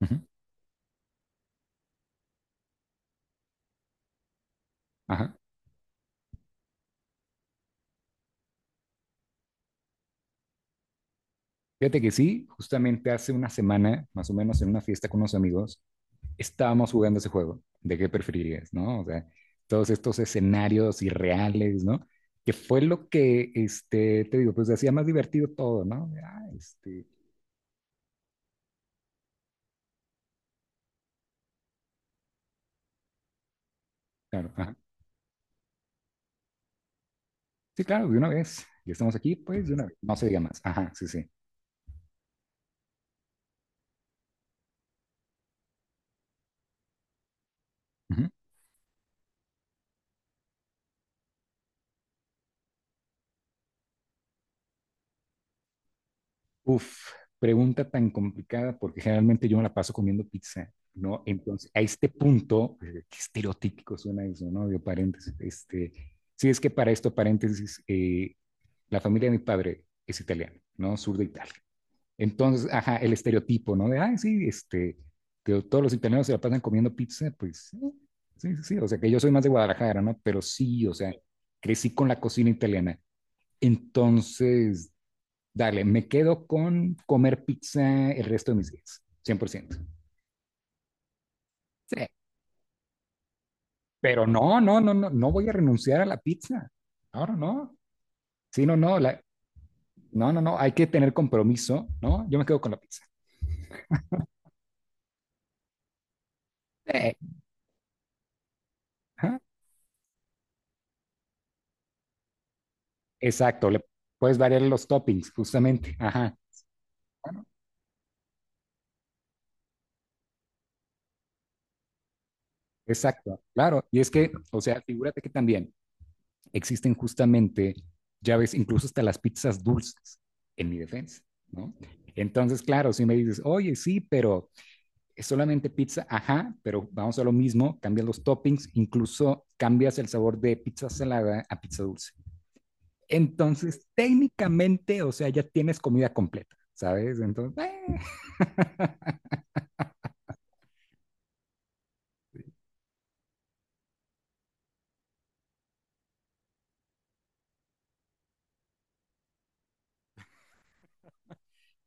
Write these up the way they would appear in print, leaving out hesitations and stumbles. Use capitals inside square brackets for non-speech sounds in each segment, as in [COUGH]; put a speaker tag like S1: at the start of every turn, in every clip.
S1: Ujú, Ajá. Fíjate que sí, justamente hace una semana, más o menos en una fiesta con unos amigos, estábamos jugando ese juego de qué preferirías, ¿no? O sea, todos estos escenarios irreales, ¿no? Que fue lo que, te digo, pues hacía más divertido todo, ¿no? Claro, ajá. Sí, claro, de una vez. Ya estamos aquí, pues de una vez. No se diga más. Ajá, sí, sí. Uf, pregunta tan complicada porque generalmente yo me la paso comiendo pizza, ¿no? Entonces, a este punto, qué estereotípico suena eso, ¿no? De paréntesis. Sí, es que para esto, paréntesis, la familia de mi padre es italiana, ¿no? Sur de Italia. Entonces, ajá, el estereotipo, ¿no? De, ay, sí, que todos los italianos se la pasan comiendo pizza, pues, sí, sí, sí. O sea, que yo soy más de Guadalajara, ¿no? Pero sí, o sea, crecí con la cocina italiana. Entonces, dale, me quedo con comer pizza el resto de mis días, 100%. Sí. Pero no, no, no, no, no voy a renunciar a la pizza. Ahora no. No. Sí, no, no, no, no, no, hay que tener compromiso, ¿no? Yo me quedo con la pizza. Sí. Ajá. Exacto, le puedes variar los toppings, justamente. Ajá, exacto, claro. Y es que, o sea, figúrate que también existen justamente, ya ves, incluso hasta las pizzas dulces, en mi defensa, ¿no? Entonces, claro, si me dices, oye, sí, pero es solamente pizza, ajá, pero vamos a lo mismo, cambias los toppings, incluso cambias el sabor de pizza salada a pizza dulce. Entonces, técnicamente, o sea, ya tienes comida completa, ¿sabes? Entonces, [LAUGHS] eh,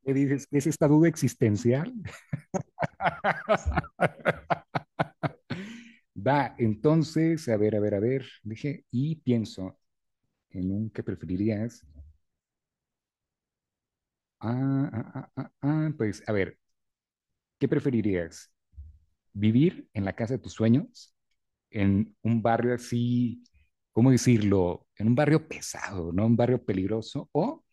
S1: ¿qué dices? ¿Es esta duda existencial? [LAUGHS] Va, entonces, a ver, a ver, a ver, dije, y pienso en un que preferirías. Pues, a ver, ¿qué preferirías? ¿Vivir en la casa de tus sueños en un barrio así, ¿cómo decirlo? En un barrio pesado, ¿no? Un barrio peligroso, o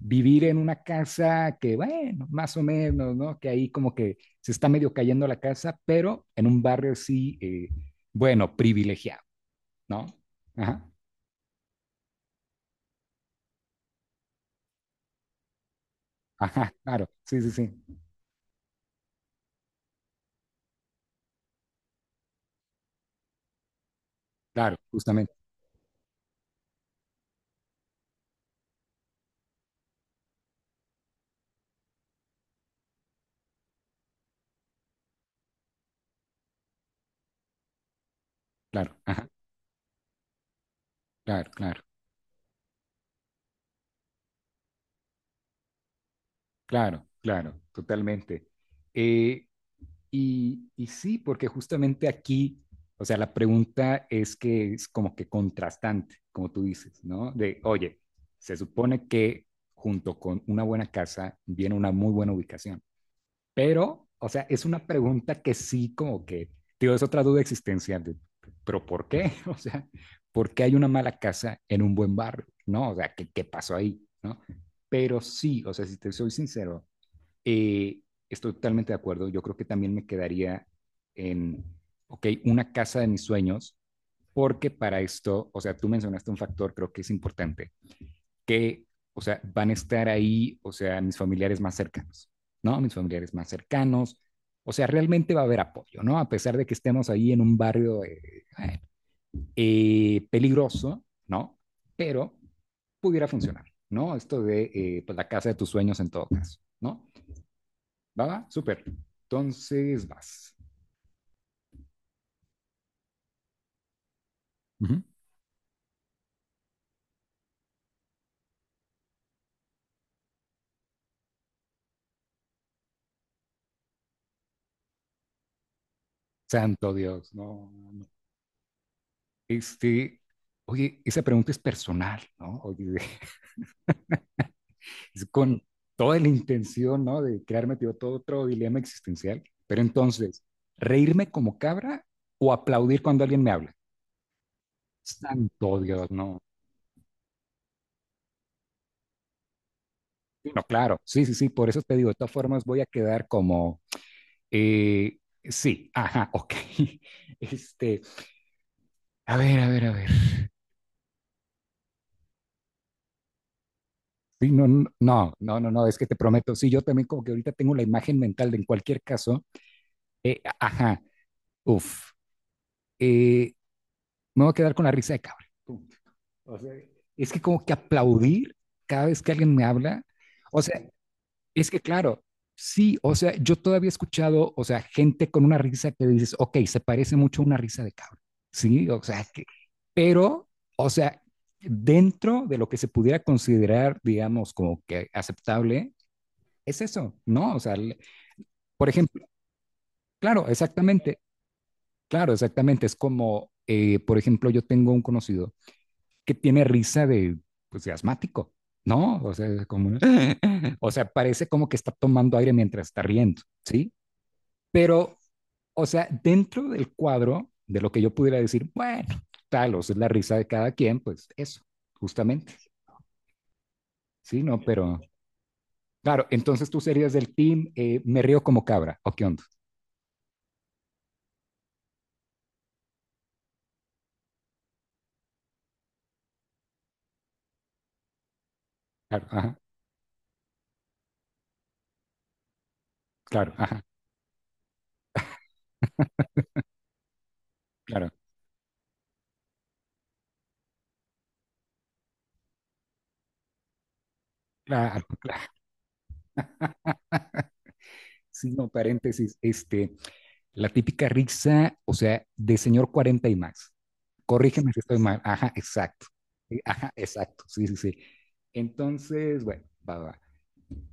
S1: vivir en una casa que, bueno, más o menos, ¿no? Que ahí como que se está medio cayendo la casa, pero en un barrio así, bueno, privilegiado, ¿no? Ajá, ajá, claro, sí, sí, sí, claro, justamente, claro, ajá, claro, claro, claro, claro, totalmente. Eh, y sí, porque justamente aquí, o sea, la pregunta es que es como que contrastante, como tú dices, ¿no? De, oye, se supone que junto con una buena casa viene una muy buena ubicación, pero, o sea, es una pregunta que sí como que, tío, es otra duda existencial, de, pero ¿por qué? [LAUGHS] O sea, ¿por qué hay una mala casa en un buen barrio? ¿No? O sea, ¿qué, qué pasó ahí? ¿No? Pero sí, o sea, si te soy sincero, eh, estoy totalmente de acuerdo. Yo creo que también me quedaría en, ok, una casa de mis sueños, porque para esto, o sea, tú mencionaste un factor, creo que es importante, que, o sea, van a estar ahí, o sea, mis familiares más cercanos, ¿no? Mis familiares más cercanos. O sea, realmente va a haber apoyo, ¿no? A pesar de que estemos ahí en un barrio bueno, peligroso, ¿no? Pero pudiera funcionar, ¿no? Esto de pues, la casa de tus sueños en todo caso, ¿no? ¿Va? Súper. Entonces vas. Ujú. Santo Dios, ¿no? Este, oye, esa pregunta es personal, ¿no? Oye, [LAUGHS] es con toda la intención, ¿no? De crearme tío, todo otro dilema existencial. Pero entonces, ¿reírme como cabra o aplaudir cuando alguien me habla? Santo Dios, no. Sí, no, claro, sí, sí, sí, por eso te digo, de todas formas voy a quedar como, sí, ajá, ok. [LAUGHS] Este, a ver, a ver, a ver. Sí, no, no, no, no, no, no, es que te prometo, sí, yo también como que ahorita tengo la imagen mental de en cualquier caso, ajá, uff, eh, me voy a quedar con la risa de cabra. Punto. O sea, es que como que aplaudir cada vez que alguien me habla, o sea, es que claro, sí, o sea, yo todavía he escuchado, o sea, gente con una risa que dices, ok, se parece mucho a una risa de cabra, sí, o sea, que, pero, o sea, dentro de lo que se pudiera considerar, digamos, como que aceptable, es eso, ¿no? O sea, por ejemplo, claro, exactamente, claro, exactamente. Es como, por ejemplo, yo tengo un conocido que tiene risa de, pues, de asmático, ¿no? O sea, es como, [LAUGHS] o sea, parece como que está tomando aire mientras está riendo, ¿sí? Pero, o sea, dentro del cuadro de lo que yo pudiera decir, bueno, tal, o sea, es la risa de cada quien, pues eso, justamente, ¿sí? No, pero, claro, entonces tú serías del team, me río como cabra, ¿o qué onda? Claro, ajá, claro, ajá, claro. Claro, [LAUGHS] claro. Sí, no, paréntesis. La típica risa, o sea, de señor 40 y más. Corrígeme si estoy mal. Ajá, exacto. Ajá, exacto. Sí, sí, sí. Entonces, bueno, va, va. Va.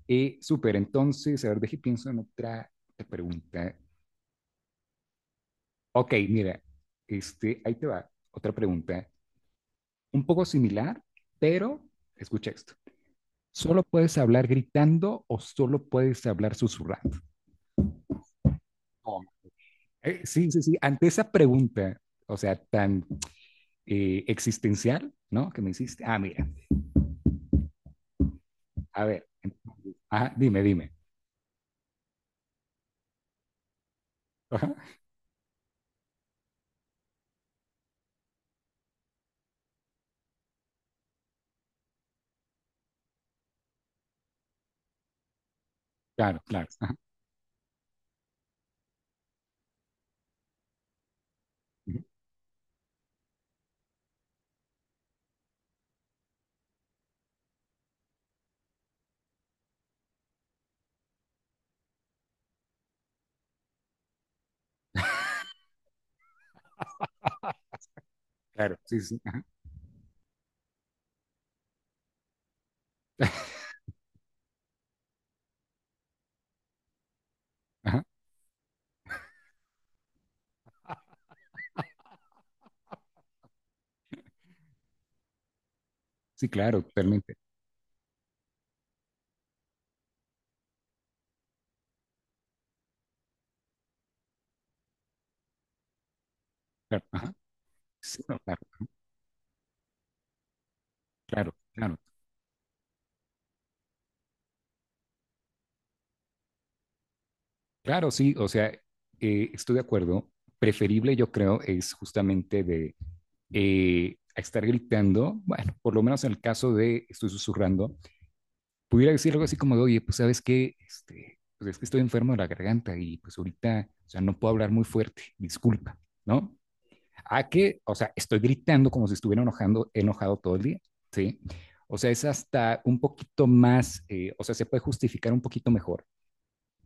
S1: Súper, entonces, a ver, deje, pienso en otra pregunta. Ok, mira, ahí te va, otra pregunta, un poco similar, pero escucha esto. ¿Solo puedes hablar gritando o solo puedes hablar susurrando? Sí, sí, sí. Ante esa pregunta, o sea, tan existencial, ¿no? Que me hiciste. Ah, mira, a ver. Ajá, dime, dime. Ajá, claro, claro, ajá, ujú, claro, sí, sí, sí, ajá, ajá, sí, claro, totalmente. Claro, ajá, sí, no, claro, claro, claro. Claro, sí, o sea, estoy de acuerdo. Preferible, yo creo, es justamente de estar gritando, bueno, por lo menos en el caso de estoy susurrando, pudiera decir algo así como de, oye, pues sabes qué, pues es que estoy enfermo de la garganta y pues ahorita, o sea, no puedo hablar muy fuerte, disculpa, ¿no? A que, o sea, estoy gritando como si estuviera enojando, enojado todo el día, ¿sí? O sea, es hasta un poquito más, o sea, se puede justificar un poquito mejor,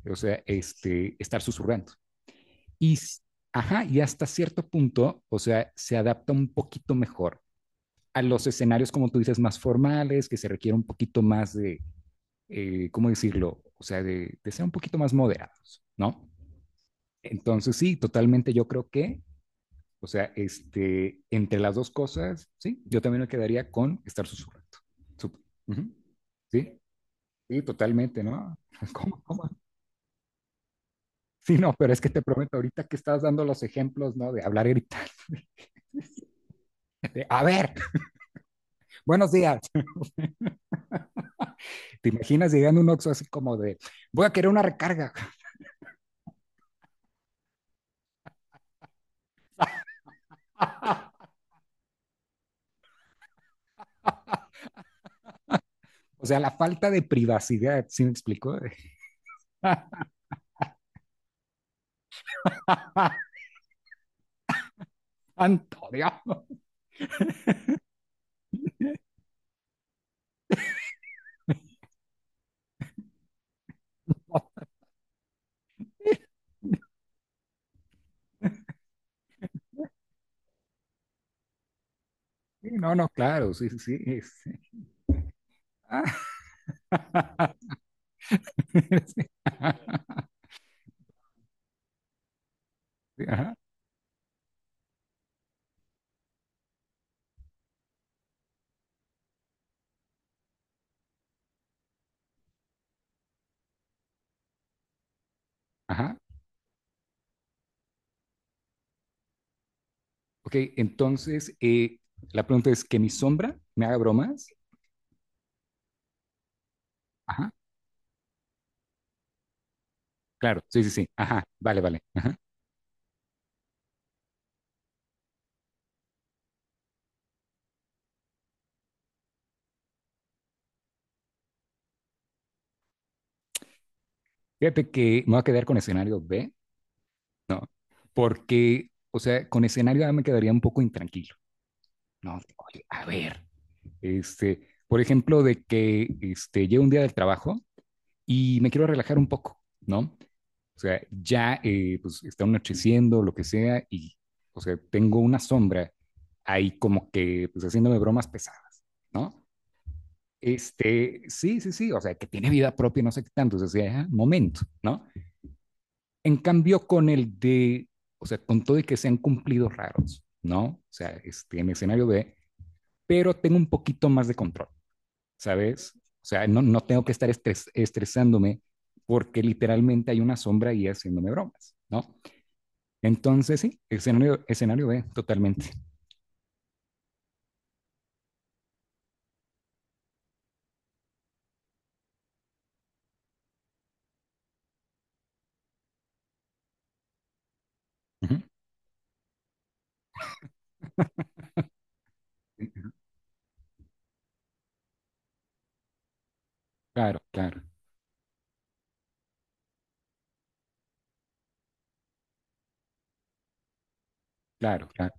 S1: o sea, estar susurrando. Y, ajá, y hasta cierto punto, o sea, se adapta un poquito mejor a los escenarios, como tú dices, más formales, que se requiere un poquito más de, ¿cómo decirlo? O sea, de, ser un poquito más moderados, ¿no? Entonces, sí, totalmente yo creo que, o sea, entre las dos cosas, sí, yo también me quedaría con estar susurrando. Uh -huh. Sí, sí, totalmente, ¿no? [LAUGHS] ¿Cómo, cómo? Sí, no, pero es que te prometo ahorita que estás dando los ejemplos, ¿no? De hablar gritando. [LAUGHS] De, a ver, buenos días. ¿Te imaginas llegando a un Oxxo así como de, voy a querer una recarga? [LAUGHS] O sea, la falta de privacidad, ¿sí me explico? [LAUGHS] Santo Dios. [LAUGHS] Sí, no, no, claro, sí, sí, sí, sí. Ah, [LAUGHS] sí, ajá, ajá. Ok, entonces la pregunta es que mi sombra me haga bromas. Ajá, claro, sí, sí, sí. Ajá, vale, vale. Ajá. Fíjate que me voy a quedar con escenario B, porque, o sea, con escenario A me quedaría un poco intranquilo. No, oye, a ver, por ejemplo, de que llego un día del trabajo y me quiero relajar un poco, ¿no? O sea, ya pues está anocheciendo, lo que sea, y, o sea, tengo una sombra ahí como que, pues haciéndome bromas pesadas, ¿no? Sí, sí, sí, o sea, que tiene vida propia, no sé qué tanto, o sea, sí, momento, ¿no? En cambio, con el de, o sea, con todo y que sean cumplidos raros, ¿no? O sea, en escenario B, pero tengo un poquito más de control, ¿sabes? O sea, no, no tengo que estar estresándome porque literalmente hay una sombra ahí haciéndome bromas, ¿no? Entonces, sí, escenario, escenario B, totalmente. Ujú. Claro, claro, claro, claro,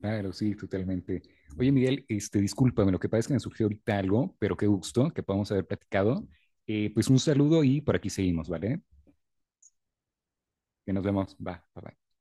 S1: claro, sí, totalmente. Oye, Miguel, discúlpame, lo que pasa es que me surgió ahorita algo, pero qué gusto que podamos haber platicado. Pues un saludo y por aquí seguimos, ¿vale? Que nos vemos. Va, bye, bye.